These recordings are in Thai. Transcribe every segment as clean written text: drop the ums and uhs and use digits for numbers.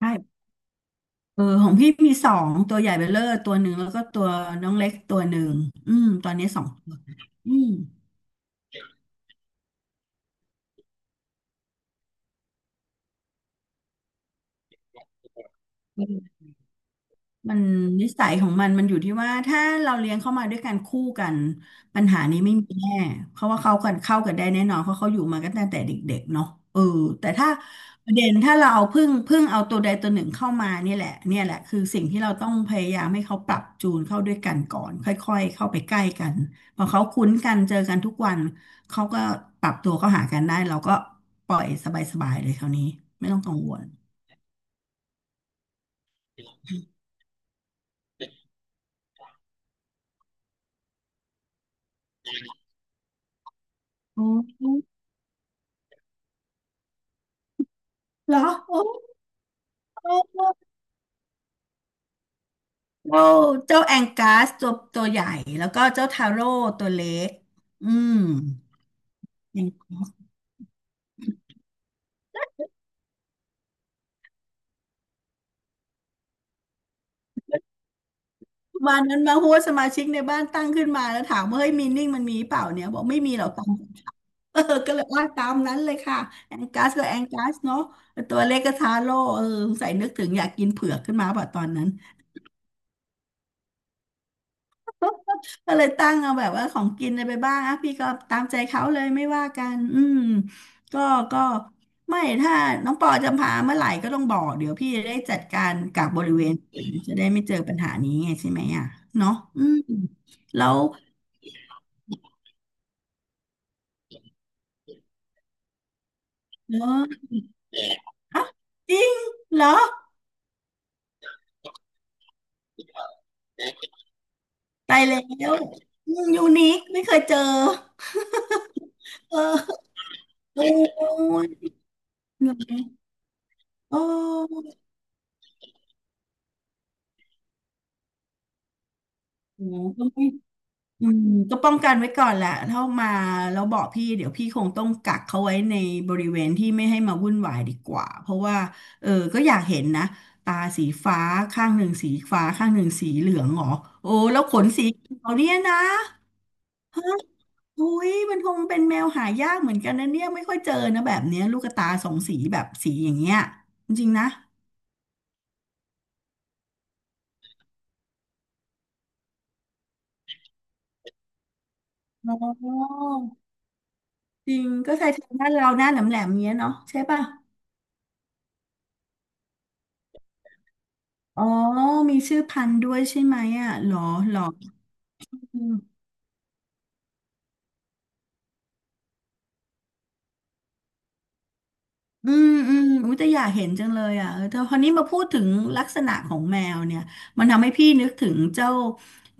ใช่เออของพี่มีสองตัวใหญ่เบลเลอร์ตัวหนึ่งแล้วก็ตัวน้องเล็กตัวหนึ่งอืมตอนนี้สองตัวอืม มันนิสัยของมันมันอยู่ที่ว่าถ้าเราเลี้ยงเข้ามาด้วยกันคู่กันปัญหานี้ไม่มีแน่เพราะว่าเขากันเข้ากันได้แน่นอนเพราะเขาอยู่มากันตั้งแต่เด็กๆเนาะเออแต่ถ้าประเด็นถ้าเราเอาพึ่งเอาตัวใดตัวหนึ่งเข้ามาเนี่ยแหละคือสิ่งที่เราต้องพยายามให้เขาปรับจูนเข้าด้วยกันก่อนค่อยๆเข้าไปใกล้กันพอเขาคุ้นกันเจอกันทุกวันเขาก็ปรับตัวเข้าหากันได้เราก็ปล่อยสบายๆเลยคราวนี้ไม่ต้องกังวลเหรอโอ้ เจ้าเจ้าแองกัสตัวใหญ่แล้วก็เจ้าทาโร่ตัวเล็กอืมอย่างวันนั้นมาหัวสมาชิกในบ้านตั้งขึ้นมาแล้วถามว่าเฮ้ยมีนิ่งมันมีเปล่าเนี่ยบอกไม่มีหรอก ตามเออก็เลยว่าตามนั้นเลยค่ะแองกัสก็แองกัสเนาะตัวเล็กก็ทาโร่เออสงสัยนึกถึงอยากกินเผือกขึ้นมาป่ะตอนนั้น ก็เลยตั้งเอาแบบว่าของกินอะไรไปบ้างอ่ะพี่ก็ตามใจเขาเลยไม่ว่ากันอืมก็ก็ไม่ถ้าน้องปอจะพาเมื่อไหร่ก็ต้องบอกเดี๋ยวพี่จะได้จัดการกับบริเวณอื่นจะได้ไม่เจอปัญหานี้ไงใช่ไหมอ่ะเนาะอืมแล้วเนอะอ่ะจริงเหรอตายแล้วอืมยูนิคไม่เคยเจอเออโอ้ยเหรอโอ้โหก็ไม่ อืมก็ป้องกันไว้ก่อนแหละถ้ามาแล้วบอกพี่เดี๋ยวพี่คงต้องกักเขาไว้ในบริเวณที่ไม่ให้มาวุ่นวายดีกว่าเพราะว่าเออก็อยากเห็นนะตาสีฟ้าข้างหนึ่งสีฟ้าข้างหนึ่งสีเหลืองเหรอโอ้แล้วขนสีเขียวเนี่ยนะอุ้ยมันคงเป็นแมวหายากเหมือนกันนะเนี่ยไม่ค่อยเจอนะแบบเนี้ยลูกตาสองสีแบบสีอย่างเงี้ยจริงๆนะอ๋อจริงก็ใช่ทางบ้านเราหน้าแหลมแหลมเงี้ยเนาะใช่ป่ะ อ๋อ มีชื่อพันธุ์ด้วยใช่ไหมอ่ะหรอหรออืม อืมอืมอุ้ยแต่อยากเห็นจังเลยอ่ะเออแต่พอนี้มาพูดถึงลักษณะของแมวเนี่ยมันทำให้พี่นึกถึงเจ้า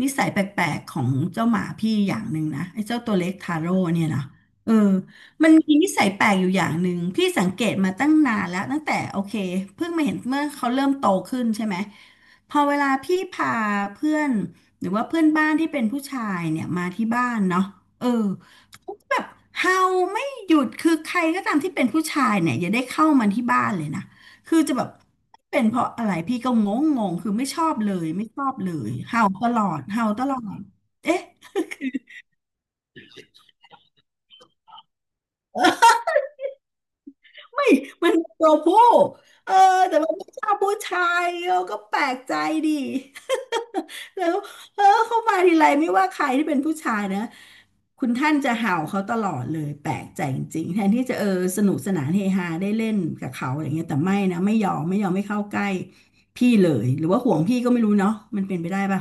นิสัยแปลกๆของเจ้าหมาพี่อย่างหนึ่งนะไอ้เจ้าตัวเล็กทาโร่เนี่ยนะเออมันมีนิสัยแปลกอยู่อย่างหนึ่งพี่สังเกตมาตั้งนานแล้วตั้งแต่โอเคเพิ่งมาเห็นเมื่อเขาเริ่มโตขึ้นใช่ไหมพอเวลาพี่พาเพื่อนหรือว่าเพื่อนบ้านที่เป็นผู้ชายเนี่ยมาที่บ้านเนาะเออเขาก็แบบเห่า หยุดคือใครก็ตามที่เป็นผู้ชายเนี่ยอย่าได้เข้ามาที่บ้านเลยนะคือจะแบบเป็นเพราะอะไรพี่ก็งงงคือไม่ชอบเลยไม่ชอบเลยเห่าตลอดเห่าตลอดเอ๊ะไม่มันตัวผู้เออแต่มันไม่ชอบผู้ชายเราก็แปลกใจดิ แล้วเออเขามาทีไรไม่ว่าใครที่เป็นผู้ชายนะคุณท่านจะเห่าเขาตลอดเลยแปลกใจจริงๆแทนที่จะเออสนุกสนานเฮฮาได้เล่นกับเขาอะไรเงี้ยแต่ไม่นะไม่ยอมไม่ยอมไม่เข้าใกล้พี่เลยหรือว่าห่วงพี่ก็ไม่รู้เนาะมันเป็นไปได้ปะ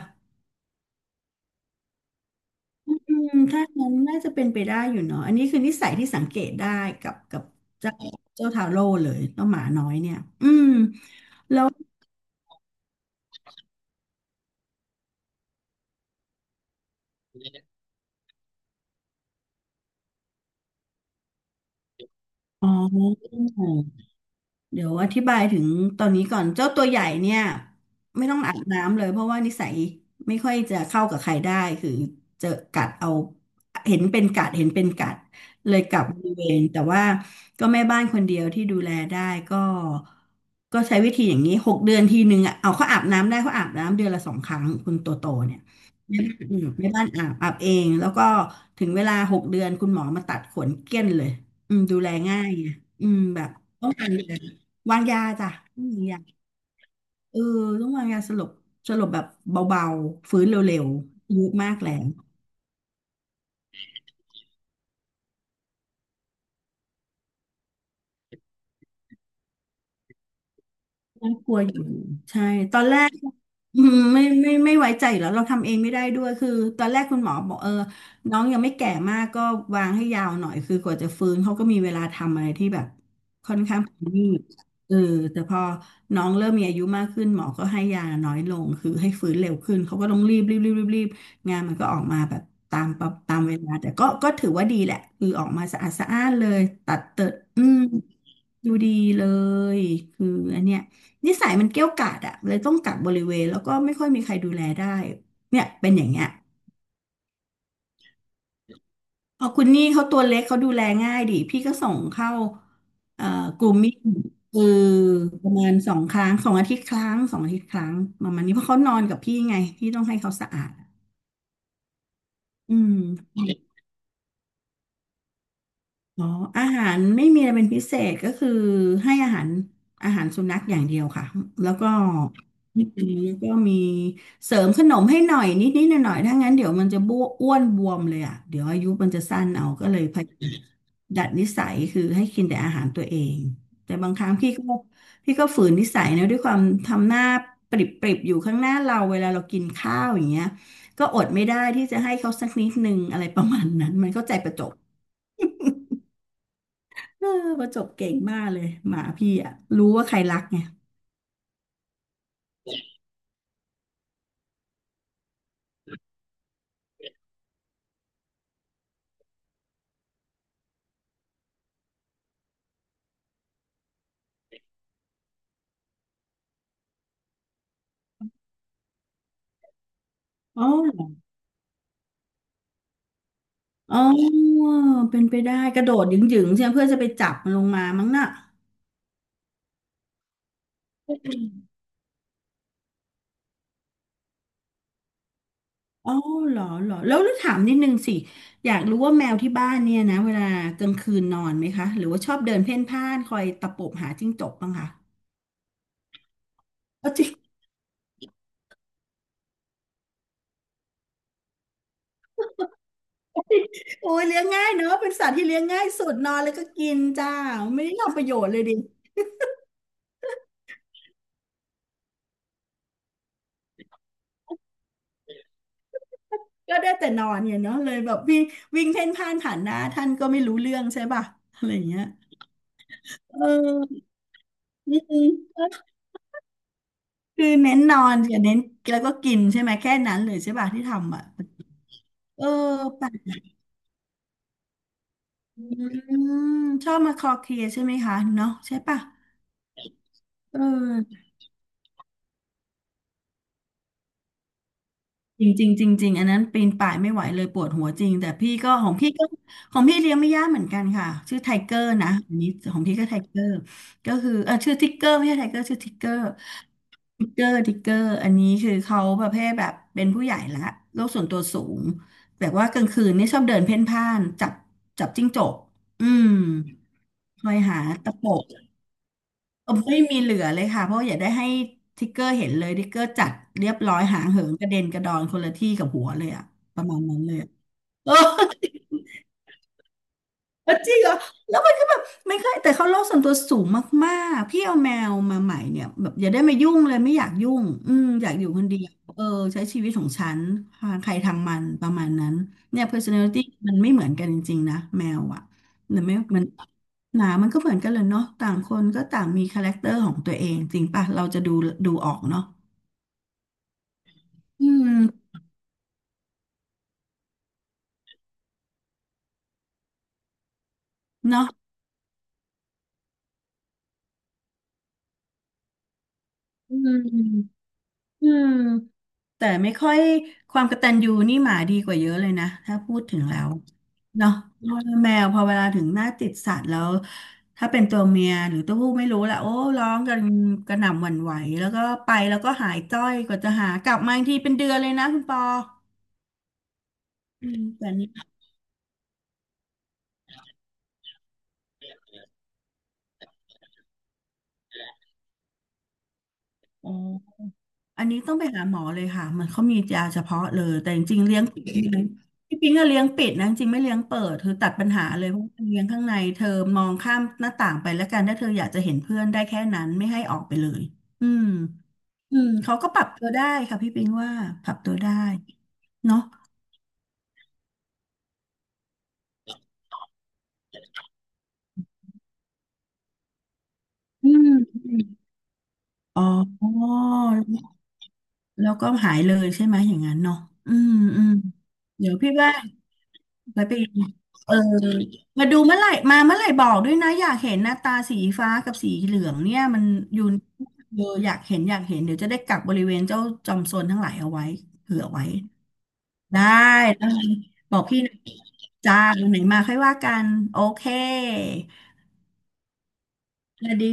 อืมถ้างั้นน่าจะเป็นไปได้อยู่เนาะอันนี้คือนิสัยที่สังเกตได้กับเจ้าเจ้าทาโร่เลยเจ้าหมาน้อยเนี่ยอืมอ๋อ เดี๋ยวอธิบายถึงตอนนี้ก่อนเจ้าตัวใหญ่เนี่ยไม่ต้องอาบน้ำเลยเพราะว่านิสัยไม่ค่อยจะเข้ากับใครได้คือจะกัดเอาเห็นเป็นกัดเห็นเป็นกัดเลยกลับบริเวณแต่ว่าก็แม่บ้านคนเดียวที่ดูแลได้ก็ก็ใช้วิธีอย่างนี้หกเดือนทีหนึ่งอ่ะเอาเขาอาบน้ำได้เขาอาบน้ำเดือนละสองครั้งคุณโตโตเนี่ยแม่บ้านอืมแม่บ้านอาบเองแล้วก็ถึงเวลาหกเดือนคุณหมอมาตัดขนเกลี้ยนเลยอืมดูแลง่ายไงอืมแบบต้องการดูแล วางยาจ้ะต้องวางยาเออต้องวางยาสลบสลบแบบเบาๆฟื้นเร็วๆอายุมากแล้วน่ากลัวอยู่ใช่ตอนแรกอืมไม่ไว้ใจอยู่แล้วเราทำเองไม่ได้ด้วยคือตอนแรกคุณหมอบอกเออน้องยังไม่แก่มากก็วางให้ยาวหน่อยคือกว่าจะฟื้นเขาก็มีเวลาทำอะไรที่แบบ นี่เออแต่พอน้องเริ่มมีอายุมากขึ้นหมอก็ให้ยาน้อยลงคือให้ฟื้นเร็วขึ้นเขาก็ต้องรีบงานมันก็ออกมาแบบตามประตามเวลาแต่ก็ถือว่าดีแหละคือออกมาสะอาดสะอ้านเลยตัดเติดอืมดูดีเลยคืออันเนี้ยนิสัยมันเกี้ยวกาดอะเลยต้องกักบริเวณแล้วก็ไม่ค่อยมีใครดูแลได้เนี่ยเป็นอย่างเงี้ย พอคุณนี่เขาตัวเล็กเขาดูแลง่ายดิพี่ก็ส่งเข้าเอ่อกลุ่มมิ่งคือประมาณ2 ครั้งสองอาทิตย์ครั้งสองอาทิตย์ครั้งประมาณนี้เพราะเขานอนกับพี่ไงพี่ต้องให้เขาสะอาดอืม อ๋ออาหารไม่มีอะไรเป็นพิเศษก็คือให้อาหารสุนัขอย่างเดียวค่ะแล้วก็นี่คือก็มีเสริมขนมให้หน่อยนิดหน่อยหน่อยๆถ้างั้นเดี๋ยวมันจะบ้วอ้วนบวมเลยอ่ะเดี๋ยวอายุมันจะสั้นเอาก็เลยพยายามดัดนิสัยคือให้กินแต่อาหารตัวเองแต่บางครั้งพี่ก็ฝืนนิสัยนะด้วยความทำหน้าปริบปริบอยู่ข้างหน้าเราเวลาเรากินข้าวอย่างเงี้ยก็อดไม่ได้ที่จะให้เขาสักนิดนึงอะไรประมาณนั้นมันก็ใจประจบ เออประจบเก่งมากเลยหมาพี่อ่ะรู้ว่าใครรักไงอ๋ออ๋อเป็นไปได้กระโดดหยิ่งๆใช่ไหมเพื่อจะไปจับมันลงมามั้งน่ะอ๋อเหรอแล้วถามนิดนึงสิอยากรู้ว่าแมวที่บ้านเนี่ยนะเวลากลางคืนนอนไหมคะหรือว่าชอบเดินเพ่นพ่านคอยตะปบหาจิ้งจกบ้างคะเอาจริง โอ้ยเลี้ยงง่ายเนอะเป็นสัตว์ที่เลี้ยงง่ายสุดนอนแล้วก็กินจ้าไม่ได้ทำประโยชน์เลยดิ ก็ได้แต่นอนเนี่ยเนาะเลยแบบวิ่งวิ่งเพ่นพ่านผ่านหน้าท่านก็ไม่รู้เรื่องใช่ป่ะอะไรอย่างเงี้ยเอออืมคือเน้นนอนกับเน้นแล้วก็กินใช่ไหมแค่นั้นเลยใช่ป่ะที่ทำอ่ะเออแปลอืมชอบมาคลอเคลียร์ใช่ไหมคะเนาะใช่ป่ะเออ จริงจริงจริงจริงอันนั้นปีนป่ายไม่ไหวเลยปวดหัวจริงแต่พี่ก็ของพี่ก็ของพี่เลี้ยงไม่ยากเหมือนกันค่ะชื่อไทเกอร์นะอันนี้ของพี่ก็ไทเกอร์ก็คือเออชื่อทิกเกอร์ไม่ใช่ไทเกอร์ชื่อทิกเกอร์ทิกเกอร์อันนี้คือเขาประเภทแบบเป็นผู้ใหญ่ละโลกส่วนตัวสูงแบบว่ากลางคืนนี่ชอบเดินเพ่นพ่านจับจิ้งจกอืมคอยหาตะปบ เออไม่มีเหลือเลยค่ะเพราะอย่าได้ให้ทิกเกอร์เห็นเลยทิกเกอร์จัดเรียบร้อยหางเหินกระเด็นกระดอนคนละที่กับหัวเลยอะประมาณนั้นเลยอะเออ เออจริงเหรอแล้วมันก็แบบไม่เคยแต่เขาโลกส่วนตัวสูงมากๆพี่เอาแมวมาใหม่เนี่ยแบบอย่าได้มายุ่งเลยไม่อยากยุ่งอืมอยากอยู่คนเดียวเออใช้ชีวิตของฉันใครทางมันประมาณนั้นเนี่ย personality มันไม่เหมือนกันจริงๆนะแมวอ่ะหรือไม่มันหนามันก็เหมือนกันเลยเนาะต่างคนก็ต่างมีคาแรคเตอร์ของตัวเองจริงป่ะเราจะดูดูออกเนาะอืมเนาะอืมอืม แต่ไม่ค่อยความกตัญญูนี่หมาดีกว่าเยอะเลยนะถ้าพูดถึงแล้วเนาะเพราะแมวพอเวลาถึงหน้าติดสัตว์แล้วถ้าเป็นตัวเมียหรือตัวผู้ไม่รู้แหละโอ้ร้องกันกระหน่ำหวั่นไหวแล้วก็ไปแล้วก็หายจ้อยกว่าจะหากลับมาอีกทีเป็นเดือนเลยนะคุณปออืมแบบนี้โอ อันนี้ต้องไปหาหมอเลยค่ะมันเขามียาเฉพาะเลยแต่จริงๆเลี้ยงปิดที่พี่ปิงก็เลี้ยงปิดนะจริงๆไม่เลี้ยงเปิดเธอตัดปัญหาเลยเพราะว่าเลี้ยงข้างในเธอมองข้ามหน้าต่างไปแล้วกันถ้าเธออยากจะเห็นเพื่อนได้แค่นั้นไม่ให้ออกไปเลยอืมอืมเขาก็ปรับตัวได้ค่ะพี่ปิงว่าปรับตัวได้เนาะอืมอ๋อแล้วก็หายเลยใช่ไหมอย่างนั้นเนาะอืมอืมเดี๋ยวพี่ว่า ไปไปอีกเออมาดูเมื่อไหร่มาเมื่อไหร่บอกด้วยนะอยากเห็นหน้าตาสีฟ้ากับสีเหลืองเนี่ยมันอยู่เอออยากเห็นอยากเห็นเดี๋ยวจะได้กักบริเวณเจ้าจอมโซนทั้งหลายเอาไว้เผื่อไว้ได้ได้บอกพี่หนะจ้าวันไหนมาค่อยว่ากันโอเคแล้วสดี